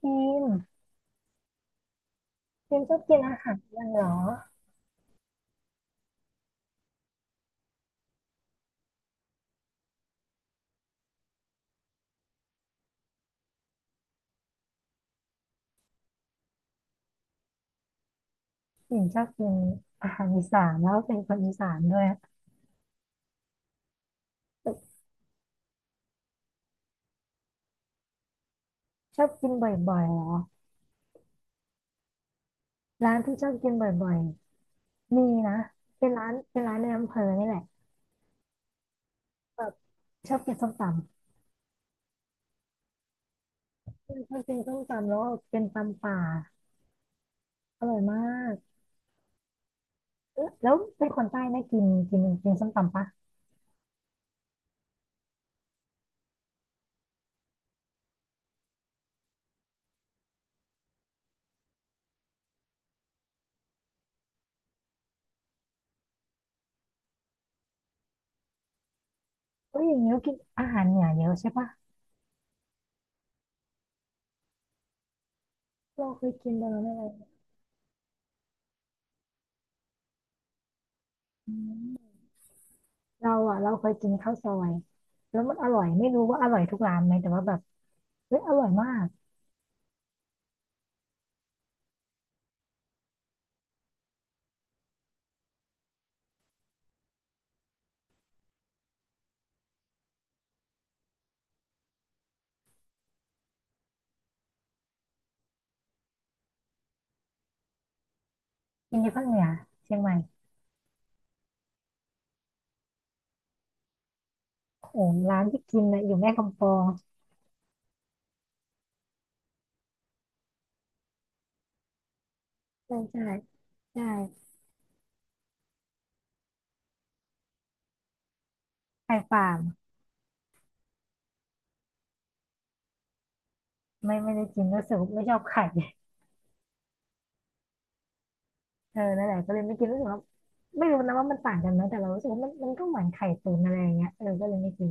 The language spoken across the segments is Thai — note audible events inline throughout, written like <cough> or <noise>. พิมพ์พิมพ์ชอบกินอาหารยังเหรอพิมพ์ชอบกินอาหารอีสานแล้วเป็นคนอีสานด้วยชอบกินบ่อยๆเหรอร้านที่ชอบกินบ่อยๆมีนะเป็นร้านในอำเภอนี่แหละแบบชอบกินส้มตำพิมพ์ชอบกินส้มตำแล้วเป็นตำป่าอร่อยมากเอ๊ะแล้วเป็นคนใต้ไหมกินกินกินส้มตำปะเอ้ยอย่างนี้ก็กินอาหารเหนือเยอะใช่ปะเราเคยกินไปแล้วไม่เป็นไร เราอ่ะเราเคยกินข้าวซอยแล้วมันอร่อยไม่รู้ว่าอร่อยทุกร้านไหมแต่ว่าแบบเฮ้ยอร่อยมากกินที่ภาคเหนือเชียงใหม่โอ้โหร้านที่กินน่ะอยู่แม่กำปองใช่ใช่ไข่ฟามไม่ได้กินรู้สึกว่าไม่ชอบไข่เออนั่นแหละก็เลยไม่กินรู้สึกว่าไม่รู้นะว่ามันต่างกันไหมแต่เรารู้สึกว่ามันก็เหมือนไข่ตุ๋นอะไรอย่างเงี้ยเออก็เลยไม่กิน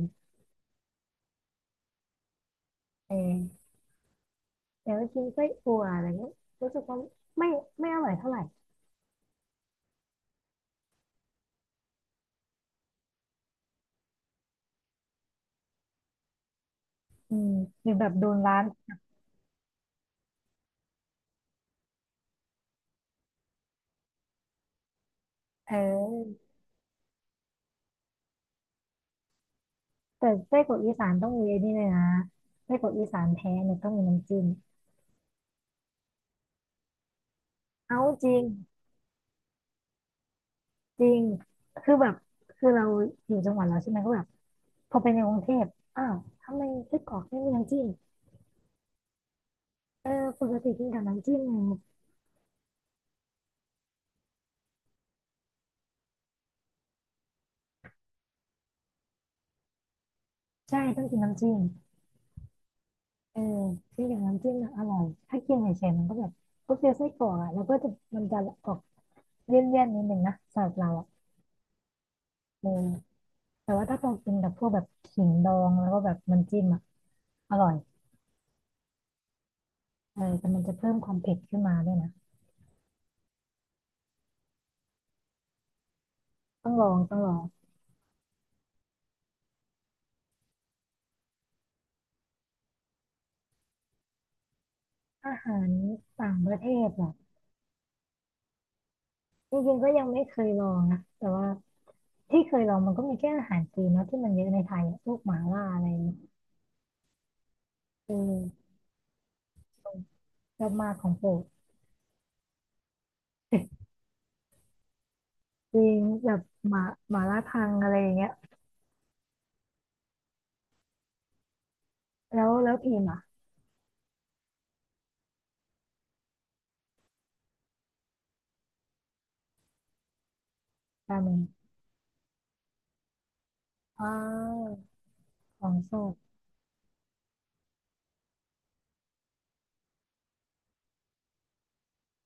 เออแต่ว่ากินไส้อั่วอะไรเงี้ยรู้สึกว่าไม่ไม่อร่อยเท่าไหร่อืมหรือแบบโดนร้านเออ แต่ไส้กรอกอีสานต้องมีไอ้นี่เลยนะไส้กรอกอีสานแท้เนี่ยต้องมีน้ำจิ้มเอาจริงจริงคือแบบคือเราอยู่จังหวัดเราใช่ไหมก็แบบพอไปในกรุงเทพอ้าวทำไมไส้กรอกไม่มีน้ำจิ้มเออปกติกินกับน้ำจิ้มไงใช่ต้องกินน้ำจิ้มเออกินกับน้ำจิ้มน่ะอร่อยถ้ากินเฉยๆมันก็แบบก็คือไส้กรอกอ่ะแล้วก็จะมันจะออกเลี่ยนๆนิดนึงนะสำหรับเราอ่ะเออแต่ว่าถ้าเรากินกับพวกแบบขิงดองแล้วก็แบบน้ำจิ้มอ่ะอร่อยเออแต่มันจะเพิ่มความเผ็ดขึ้นมาด้วยนะ ต้องลองอาหารต่างประเทศอ่ะจริงๆก็ยังไม่เคยลองนะแต่ว่าที่เคยลองมันก็มีแค่อาหารจีนเนาะที่มันเยอะในไทยอะพวกหม่าล่าอะไรเออชอบมากของโปรด <laughs> จริงแบบหมาหมาล่าทังอะไรอย่างเงี้ยแล้วพิมพ์อ่ะราเมงอ้าวของสด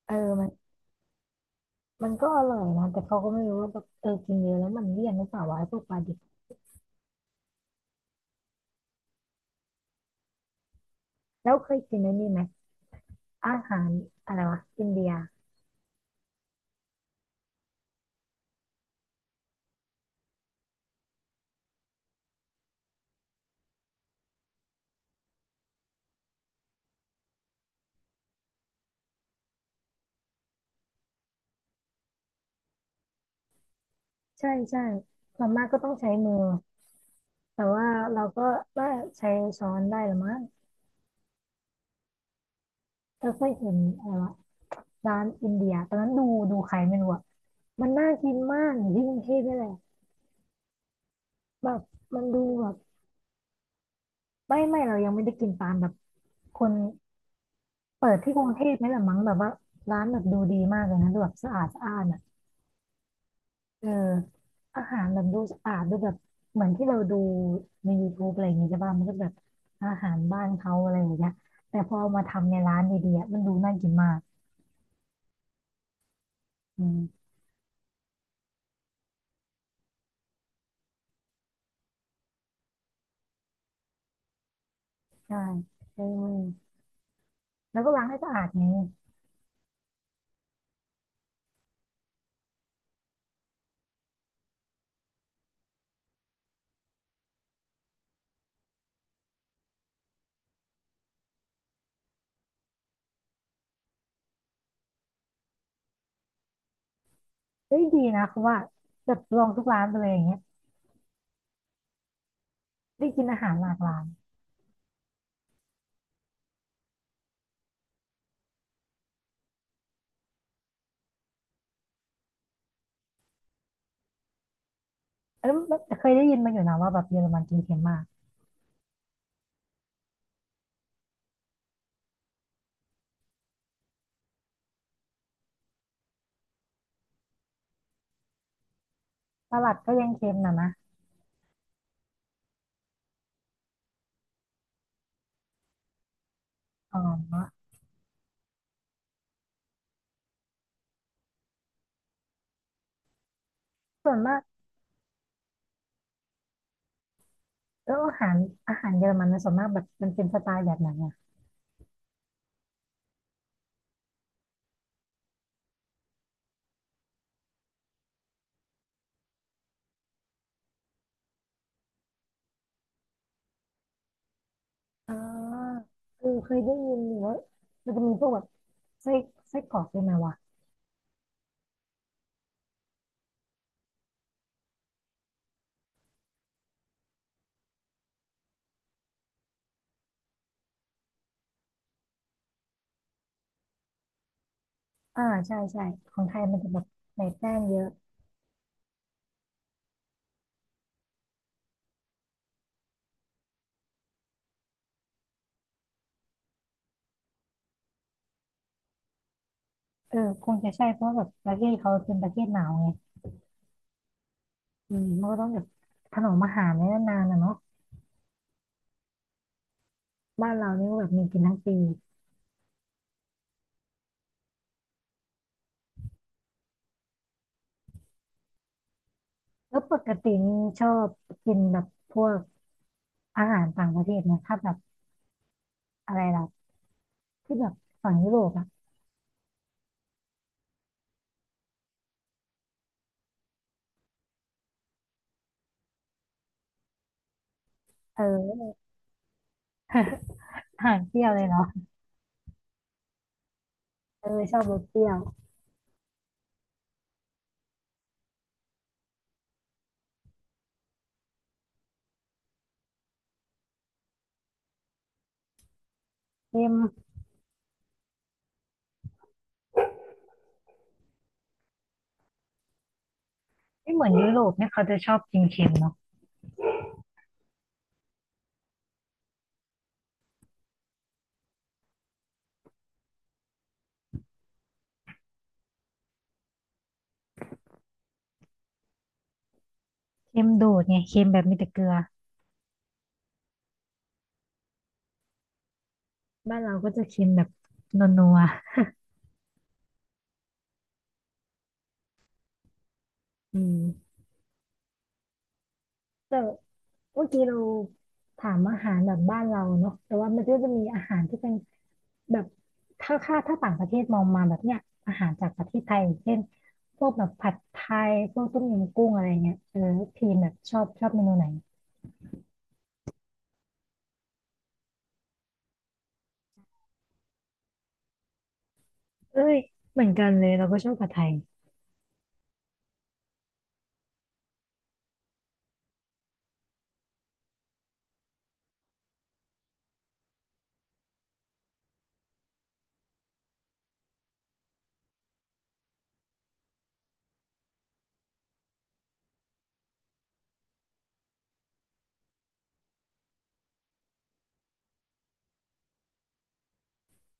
เออมันมันก็อร่อยนะแต่เขาก็ไม่รู้ว่าแบบเออกินเยอะแล้วมันเลี่ยนหรือเปล่าวะไอ้พวกปลาดิบแล้วเคยกินไอ้นี่ไหมอาหารอะไรวะอินเดียใช่ใช่ส่วนมากก็ต้องใช้มือ แต่ว่าเราก็ว่าใช้ช้อนได้หรือมั้งเราเคยเห็นอะไรวะร้านอินเดียตอนนั้นดูดูใครไม่รู้อะมันน่ากินมากอยู่ที่กรุงเทพนี่แหละแบบมันดูแบบไม่เรายังไม่ได้กินตามแบบคนเปิดที่กรุงเทพนี่แหละมั้งแบบว่าร้านแบบดูดีมากเลยนะดูแบบสะอาดสะอาดอะเอออาหารแบบดูสะอาดดูแบบเหมือนที่เราดูใน YouTube อะไรอย่างเงี้ยใช่ป่ะมันก็แบบอาหารบ้านเขาอะไรอย่างเงี้ยแต่พอเอามาทำในร้านดีๆอะมันดูน่ากินมากอืม ใช่ใช่มือแล้วก็ล้างให้สะอาดไงเฮ้ยดีนะคือว่าแบบลองทุกร้านไปเลยอย่างเงี้ยได้กินอาหารหลากหลายเออแล้เคยได้ยินมาอยู่นะว่าแบบเยอรมันกินเค็มมากสลัดก็ยังเค็มนะนะอ๋อส่วนมากแล้วอาหารเยอรมันนะส่วนมากแบบมันเป็นสไตล์แบบไหนอ่ะอ่าเออเคยได้ยินอยู่ว่ามันจะมีพวกแบบไส้ไส้กรอกด้วยไหมวะอ่าใช่ใช่ของไทยมันจะแบบใส่แป้งเยอะเออคงจะใช่เพราะว่าแบบประเทศเขาเป็นประเทศหนาวไง อืมมันก็ต้องแบบถนอมอาหารไว้นานๆนะเนาะบ้านเรานี่ก็แบบมีกินทั้งปีแล้วปกตินี่ชอบกินแบบพวกอาหารต่างประเทศนะถ้าแบบอะไรล่ะที่แบบฝั่งยุโรปอะเออ <laughs> อาหารเปรี้ยวเลยเนาะเออชอบรสเปรี้ยวเค็มไม่เหมือนยุโรปเนี่ยเขาจะชอบกินเค็มเนาะเค็มโดดไงเค็มแบบมีแต่เกลือบ้านเราก็จะเค็มแบบนัวๆอืมแต่เมื่อกี้เราถามอาหารแบบบ้านเราเนาะแต่ว่ามันก็จะมีอาหารที่เป็น แบบถ้าต่างประเทศมองมาแบบเนี้ยอาหารจากประเทศไทยอย่างเช่นพวกแบบผัดไทยพวกต้มยำกุ้งอะไรเงี้ยเออพีมแบบชอบเมนูไหนเอ้ยเหมือนกันเลยเราก็ชอบผัดไทย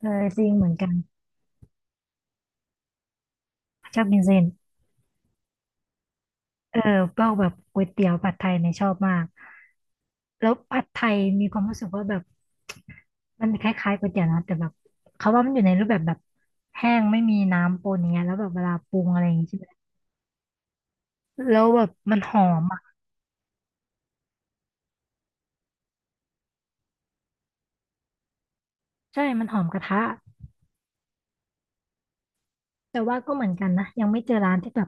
เออจริงเหมือนกันชอบกินเส้นเออพวกแบบก๋วยเตี๋ยวผัดไทยเนี่ยชอบมากแล้วผัดไทยมีความรู้สึกว่าแบบมันคล้ายๆก๋วยเตี๋ยวนะแต่แบบเขาว่ามันอยู่ในรูปแบบแห้งไม่มีน้ำปนอย่างเงี้ยแล้วแบบเวลาปรุงอะไรอย่างงี้ใช่ไหมแล้วแบบมันหอมอะ ใช่มันหอมกระทะแต่ว่าก็เหมือนกันนะยังไม่เจอร้านที่แบบ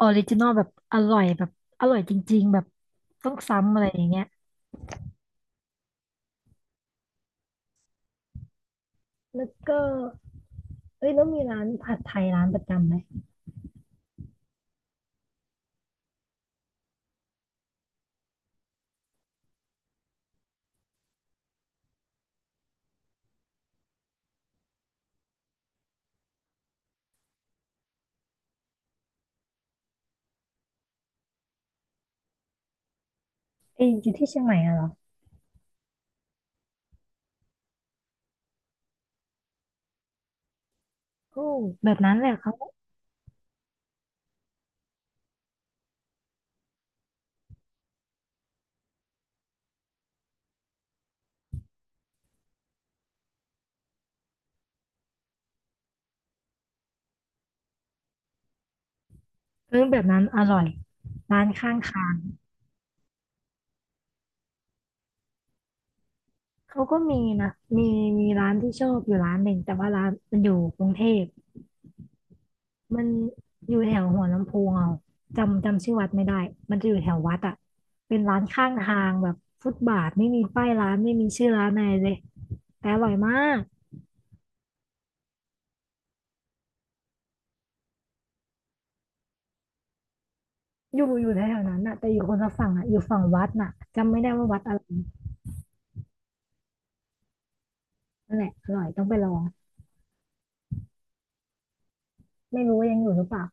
ออริจินอลแบบอร่อยแบบอร่อยจริงๆแบบต้องซ้ำอะไรอย่างเงี้ยแล้วก็เอ้ยแล้วมีร้านผัดไทยร้านประจำไหมเอ้ยอยู่ที่เชียงใหม่อะเหรอโอ้แบบนั้นแหละเขาเออแบบนั้นอร่อยร้านข้างทางเขาก็มีนะมีร้านที่ชอบอยู่ร้านหนึ่งแต่ว่าร้านมันอยู่กรุงเทพ มันอยู่แถวหัวลำโพงเอาจำชื่อวัดไม่ได้มันจะอยู่แถววัดอ่ะเป็นร้านข้างทางแบบฟุตบาทไม่มีป้ายร้านไม่มีชื่อร้านอะไรเลยแต่อร่อยมากอยู่แถวๆนั้นน่ะแต่อยู่คนละฝั่งอ่ะอยู่ฝั่งวัดน่ะจำไม่ได้ว่าวัดอะไรนั่นแหละอร่อยต้องไปลองไม่รู้ว่ายังอยู่หรือเปล่า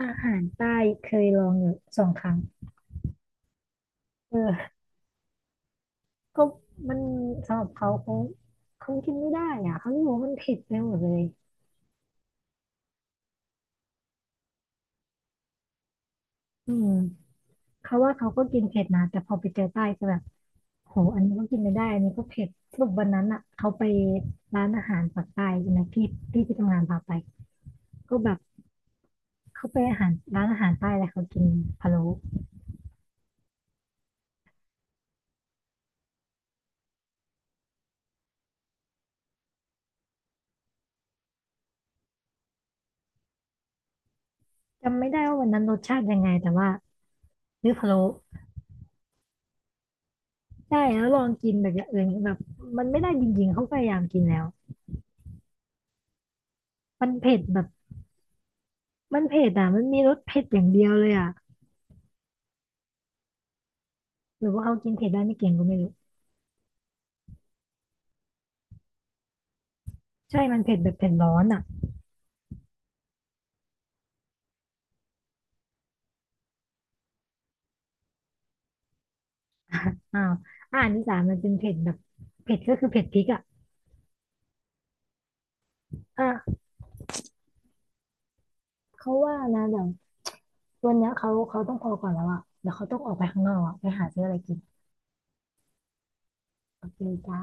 อาหารใต้เคยลองอยู่2 ครั้งเออก็มันสำหรับเขาเขากินไม่ได้อ่ะเขาไม่รู้ว่ามันเผ็ดไปหมดเลยอืม เขาว่าเขาก็กินเผ็ดนะแต่พอไปเจอใต้จะแบบโหอันนี้ก็กินไม่ได้อันนี้ก็เผ็ดสรุปวันนั้นอ่ะเขาไปร้านอาหารปากใต้ใช่ไหมพี่พี่ที่ทำงานพาไปก็แบบเขาไปอาหารร้านอาหารใต้แล้วเขากินพะโล้จำไม่ได้ว่าวันนั้นรสชาติยังไงแต่ว่าเลือกพะโล้ได้แล้วลองกินแบบอย่างอื่นแบบมันไม่ได้จริงๆเขาพยายามกินแล้วมันเผ็ดแบบมันเผ็ดอ่ะมันมีรสเผ็ดอย่างเดียวเลยอ่ะหรือว่าเขากินเผ็ดได้ไม่เก่งก็ไม่รู้ใช่มันเผ็ดแบบเผ็ดร้อนอ่ะ อ้าวอาหารอีสานมันเป็นเผ็ดแบบเผ็ดก็คือเผ็ดพริกอ่ะอ่ะเขาว่านะเดี๋ยววันเนี้ยเขาต้องพอก่อนแล้วอ่ะเดี๋ยวเขาต้องออกไปข้างนอกอะไปหาซื้ออะไรกิน โอเคจ้า